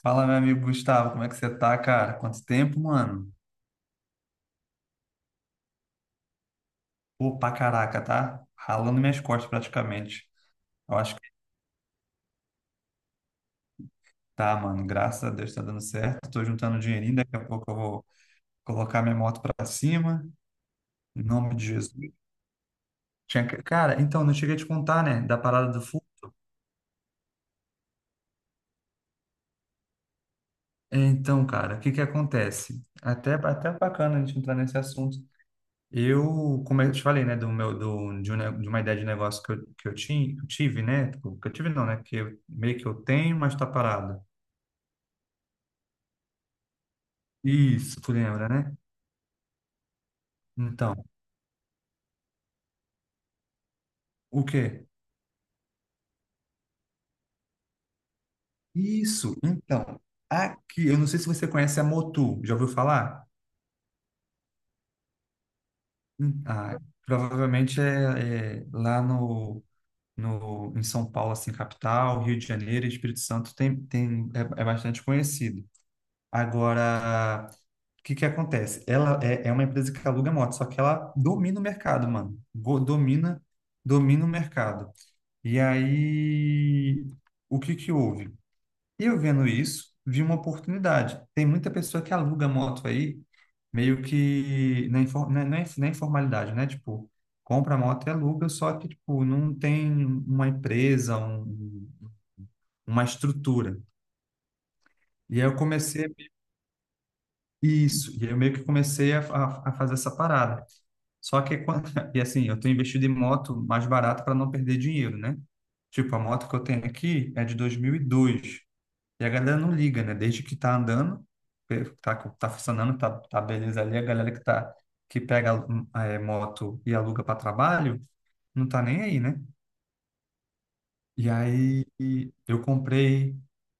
Fala, meu amigo Gustavo, como é que você tá, cara? Quanto tempo, mano? Pô, pra caraca, tá? Ralando minhas costas praticamente. Eu acho que tá, mano. Graças a Deus tá dando certo. Tô juntando um dinheirinho, daqui a pouco eu vou colocar minha moto pra cima. Em nome de Jesus. Cara, então, não cheguei a te contar, né, da parada do fogo. Então, cara, o que que acontece? Até bacana a gente entrar nesse assunto. Eu, como eu te falei, né, do meu, do, de, um ne- de uma ideia de negócio que eu, tinha, que eu tive, né, tipo, que eu tive não, né, meio que eu tenho, mas tá parado. Isso, tu lembra, né? Então, o quê? Isso, então, aqui, eu não sei se você conhece a Motu, já ouviu falar? Ah, provavelmente é, lá no, no, em São Paulo, assim, capital, Rio de Janeiro e Espírito Santo tem, é bastante conhecido. Agora, o que que acontece? Ela é, uma empresa que aluga moto, só que ela domina o mercado, mano. Domina o mercado. E aí, o que que houve? Eu vendo isso, vi uma oportunidade. Tem muita pessoa que aluga moto aí, meio que na informalidade, né? Tipo, compra a moto e aluga, só que, tipo, não tem uma empresa, uma estrutura. E aí eu comecei Isso, e aí eu meio que comecei a fazer essa parada. Só que, e assim, eu tenho investido em moto mais barato para não perder dinheiro, né? Tipo, a moto que eu tenho aqui é de 2002 e a galera não liga, né? Desde que tá andando, tá, funcionando, tá, beleza ali, a galera que pega moto e aluga para trabalho, não tá nem aí, né? E aí eu comprei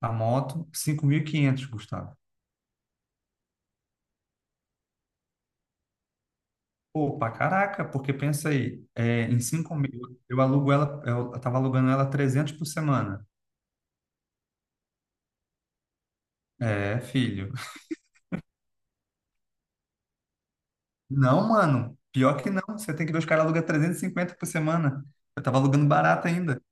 a moto 5.500, Gustavo. Pô, pra caraca, porque pensa aí, em 5.000, eu alugo ela, eu tava alugando ela 300 por semana. É, filho. Não, mano, pior que não, você tem que ver os caras alugam 350 por semana. Eu tava alugando barato ainda.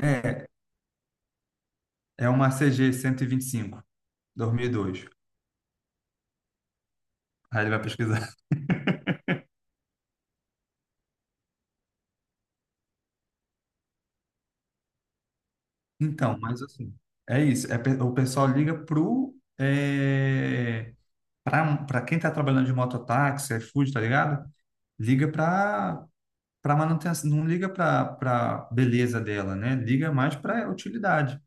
É, uma CG 125, 2002. Aí ele vai pesquisar. Então, mas assim, é isso, o pessoal liga pra quem tá trabalhando de mototáxi, iFood, tá ligado? Liga pra para manutenção, não liga para beleza dela, né? Liga mais para utilidade.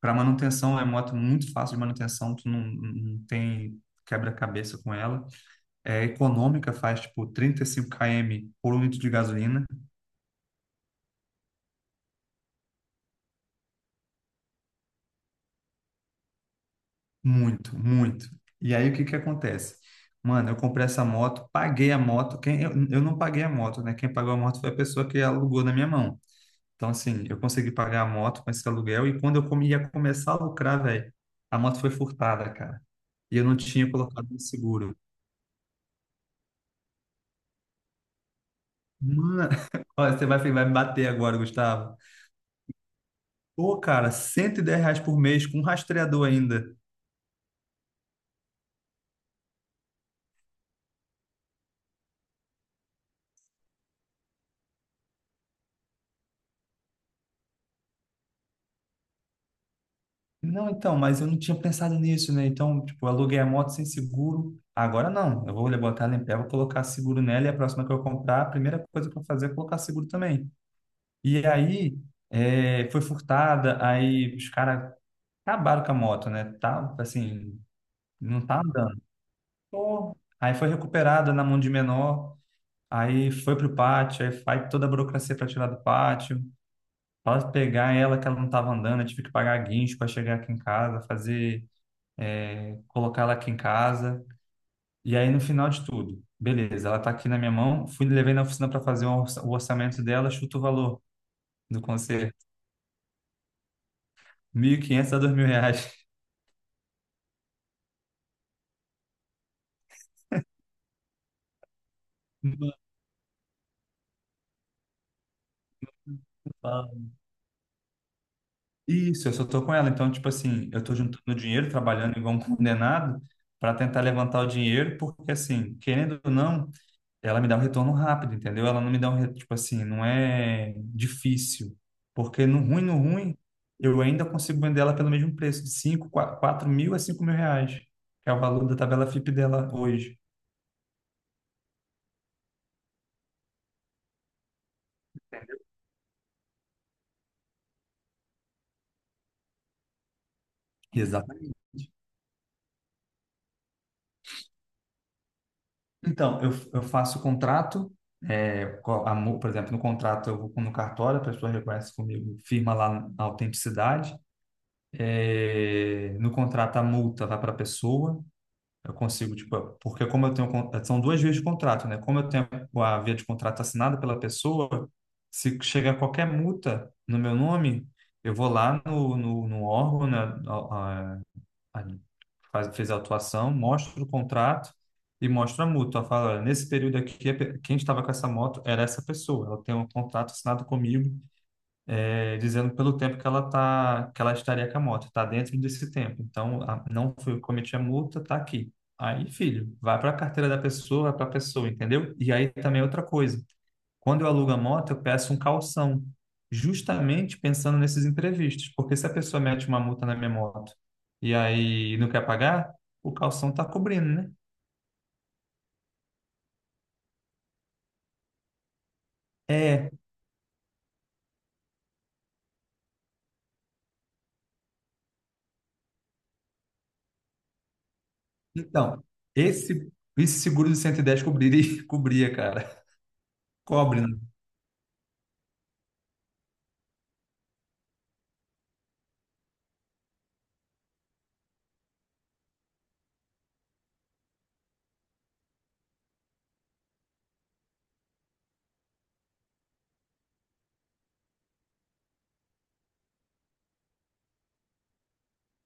Para manutenção, é moto é muito fácil de manutenção, tu não tem quebra-cabeça com ela. É econômica, faz tipo 35 km por um litro de gasolina, muito, muito. E aí o que que acontece? Mano, eu comprei essa moto, paguei a moto, eu não paguei a moto, né? Quem pagou a moto foi a pessoa que alugou na minha mão. Então, assim, eu consegui pagar a moto com esse aluguel, e quando eu ia começar a lucrar, velho, a moto foi furtada, cara. E eu não tinha colocado no seguro. Mano, olha, você vai, vai me bater agora, Gustavo. Pô, cara, R$ 110 por mês com um rastreador ainda. Não, então, mas eu não tinha pensado nisso, né? Então, tipo, eu aluguei a moto sem seguro. Agora não, eu vou botar ela em pé, vou colocar seguro nela, e a próxima que eu comprar, a primeira coisa que eu fazer é colocar seguro também. E aí, é, foi furtada, aí os caras acabaram com a moto, né? Tá, assim, não tá andando. Pô. Aí foi recuperada na mão de menor, aí foi pro pátio, aí faz toda a burocracia para tirar do pátio. Para pegar ela, que ela não tava andando, eu tive que pagar guincho para chegar aqui em casa, fazer, é, colocar ela aqui em casa. E aí no final de tudo, beleza, ela tá aqui na minha mão, fui levei na oficina para fazer o orçamento dela, chuta o valor do conserto, R$ 1.500 a R$ 2.000. Isso, eu só tô com ela. Então, tipo assim, eu tô juntando dinheiro, trabalhando igual um condenado para tentar levantar o dinheiro, porque assim, querendo ou não, ela me dá um retorno rápido, entendeu? Ela não me dá um, tipo assim, não é difícil. Porque no ruim, eu ainda consigo vender ela pelo mesmo preço, de 5 R$ 4.000 a R$ 5.000, que é o valor da tabela FIP dela hoje. Exatamente. Então, eu faço o contrato, por exemplo, no contrato eu vou no cartório, a pessoa reconhece comigo, firma lá a autenticidade. É, no contrato a multa vai para a pessoa, eu consigo, tipo, porque como eu tenho, são duas vias de contrato, né? Como eu tenho a via de contrato assinada pela pessoa, se chega qualquer multa no meu nome, eu vou lá no órgão, né, aí fez a autuação, mostra o contrato e mostra a multa. Ela fala, "Olha, nesse período aqui, quem estava com essa moto era essa pessoa. Ela tem um contrato assinado comigo, eh, dizendo pelo tempo que ela tá, que ela estaria com a moto. Está dentro desse tempo. Então, não foi eu que cometi a multa, tá aqui." Aí, filho, vai para a carteira da pessoa, vai para a pessoa, entendeu? E aí também é outra coisa. Quando eu alugo a moto, eu peço um calção, justamente pensando nesses imprevistos, porque se a pessoa mete uma multa na minha moto e aí não quer pagar, o calção está cobrindo, né? É, então, esse, esse seguro de 110 cobriria, cobria, cara. Cobre, né?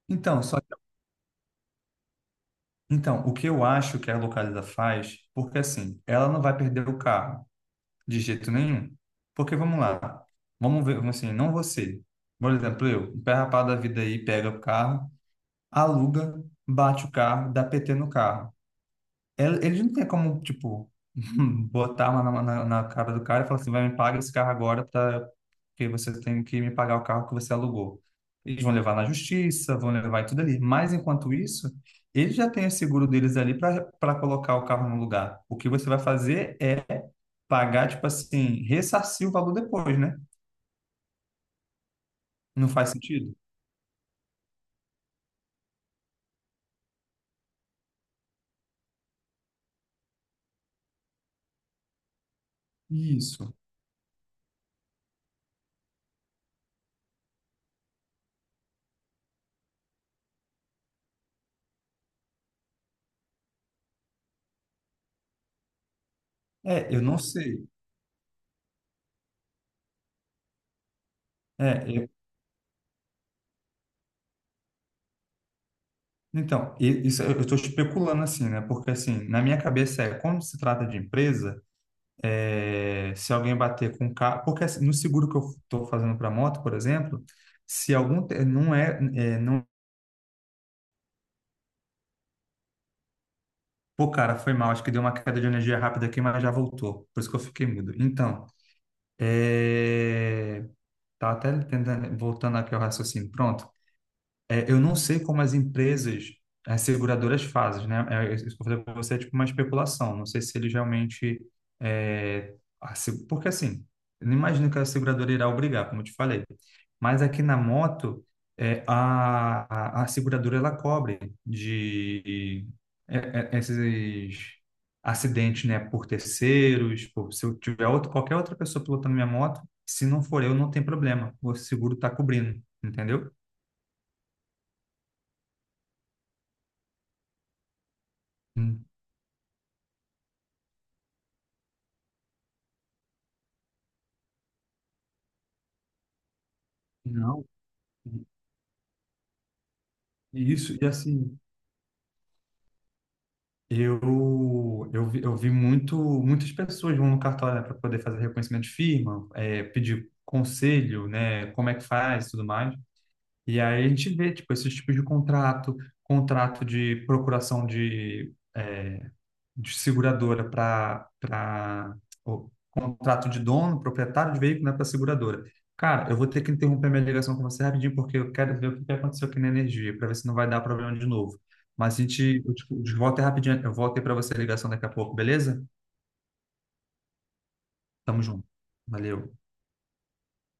Então, só que- então, o que eu acho que a Localiza faz, porque assim, ela não vai perder o carro de jeito nenhum. Porque vamos lá, vamos ver, vamos assim, não você. Por exemplo, eu, um pé rapado da vida aí pega o carro, aluga, bate o carro, dá PT no carro. Eles não tem como, tipo, botar a mão na cara do cara e falar assim, vai, me paga esse carro agora, pra, porque você tem que me pagar o carro que você alugou. Eles vão levar na justiça, vão levar tudo ali. Mas, enquanto isso, eles já têm o seguro deles ali para colocar o carro no lugar. O que você vai fazer é pagar, tipo assim, ressarcir o valor depois, né? Não faz sentido? Isso. É, eu não sei. É, então, isso eu estou especulando assim, né? Porque assim, na minha cabeça é, quando se trata de empresa, é, se alguém bater com o carro, porque assim, no seguro que eu estou fazendo para moto, por exemplo, se não é, não, pô, cara, foi mal, acho que deu uma queda de energia rápida aqui, mas já voltou, por isso que eu fiquei mudo. Então, é, tá até tentando, voltando aqui ao raciocínio. Pronto. É, eu não sei como as empresas, as seguradoras fazem, né? Isso que eu falei para você é tipo uma especulação. Não sei se eles realmente. É, a se- Porque assim, eu não imagino que a seguradora irá obrigar, como eu te falei. Mas aqui na moto, a seguradora ela cobre de é, esses acidentes, né? Por terceiros, por, se eu tiver outro, qualquer outra pessoa pilotando minha moto, se não for eu, não tem problema. O seguro está cobrindo, entendeu? Hum. Não. Isso, e assim, eu vi, muitas pessoas vão no cartório, para poder fazer reconhecimento de firma, é, pedir conselho, né, como é que faz e tudo mais. E aí a gente vê, tipo, esses tipos de contrato, contrato de procuração de seguradora para contrato de dono, proprietário de veículo, né, para seguradora. Cara, eu vou ter que interromper minha ligação com você rapidinho porque eu quero ver o que que aconteceu aqui na energia para ver se não vai dar problema de novo. Mas a gente, eu te volto aí rapidinho, eu volto aí para você a ligação daqui a pouco, beleza? Tamo junto. Valeu.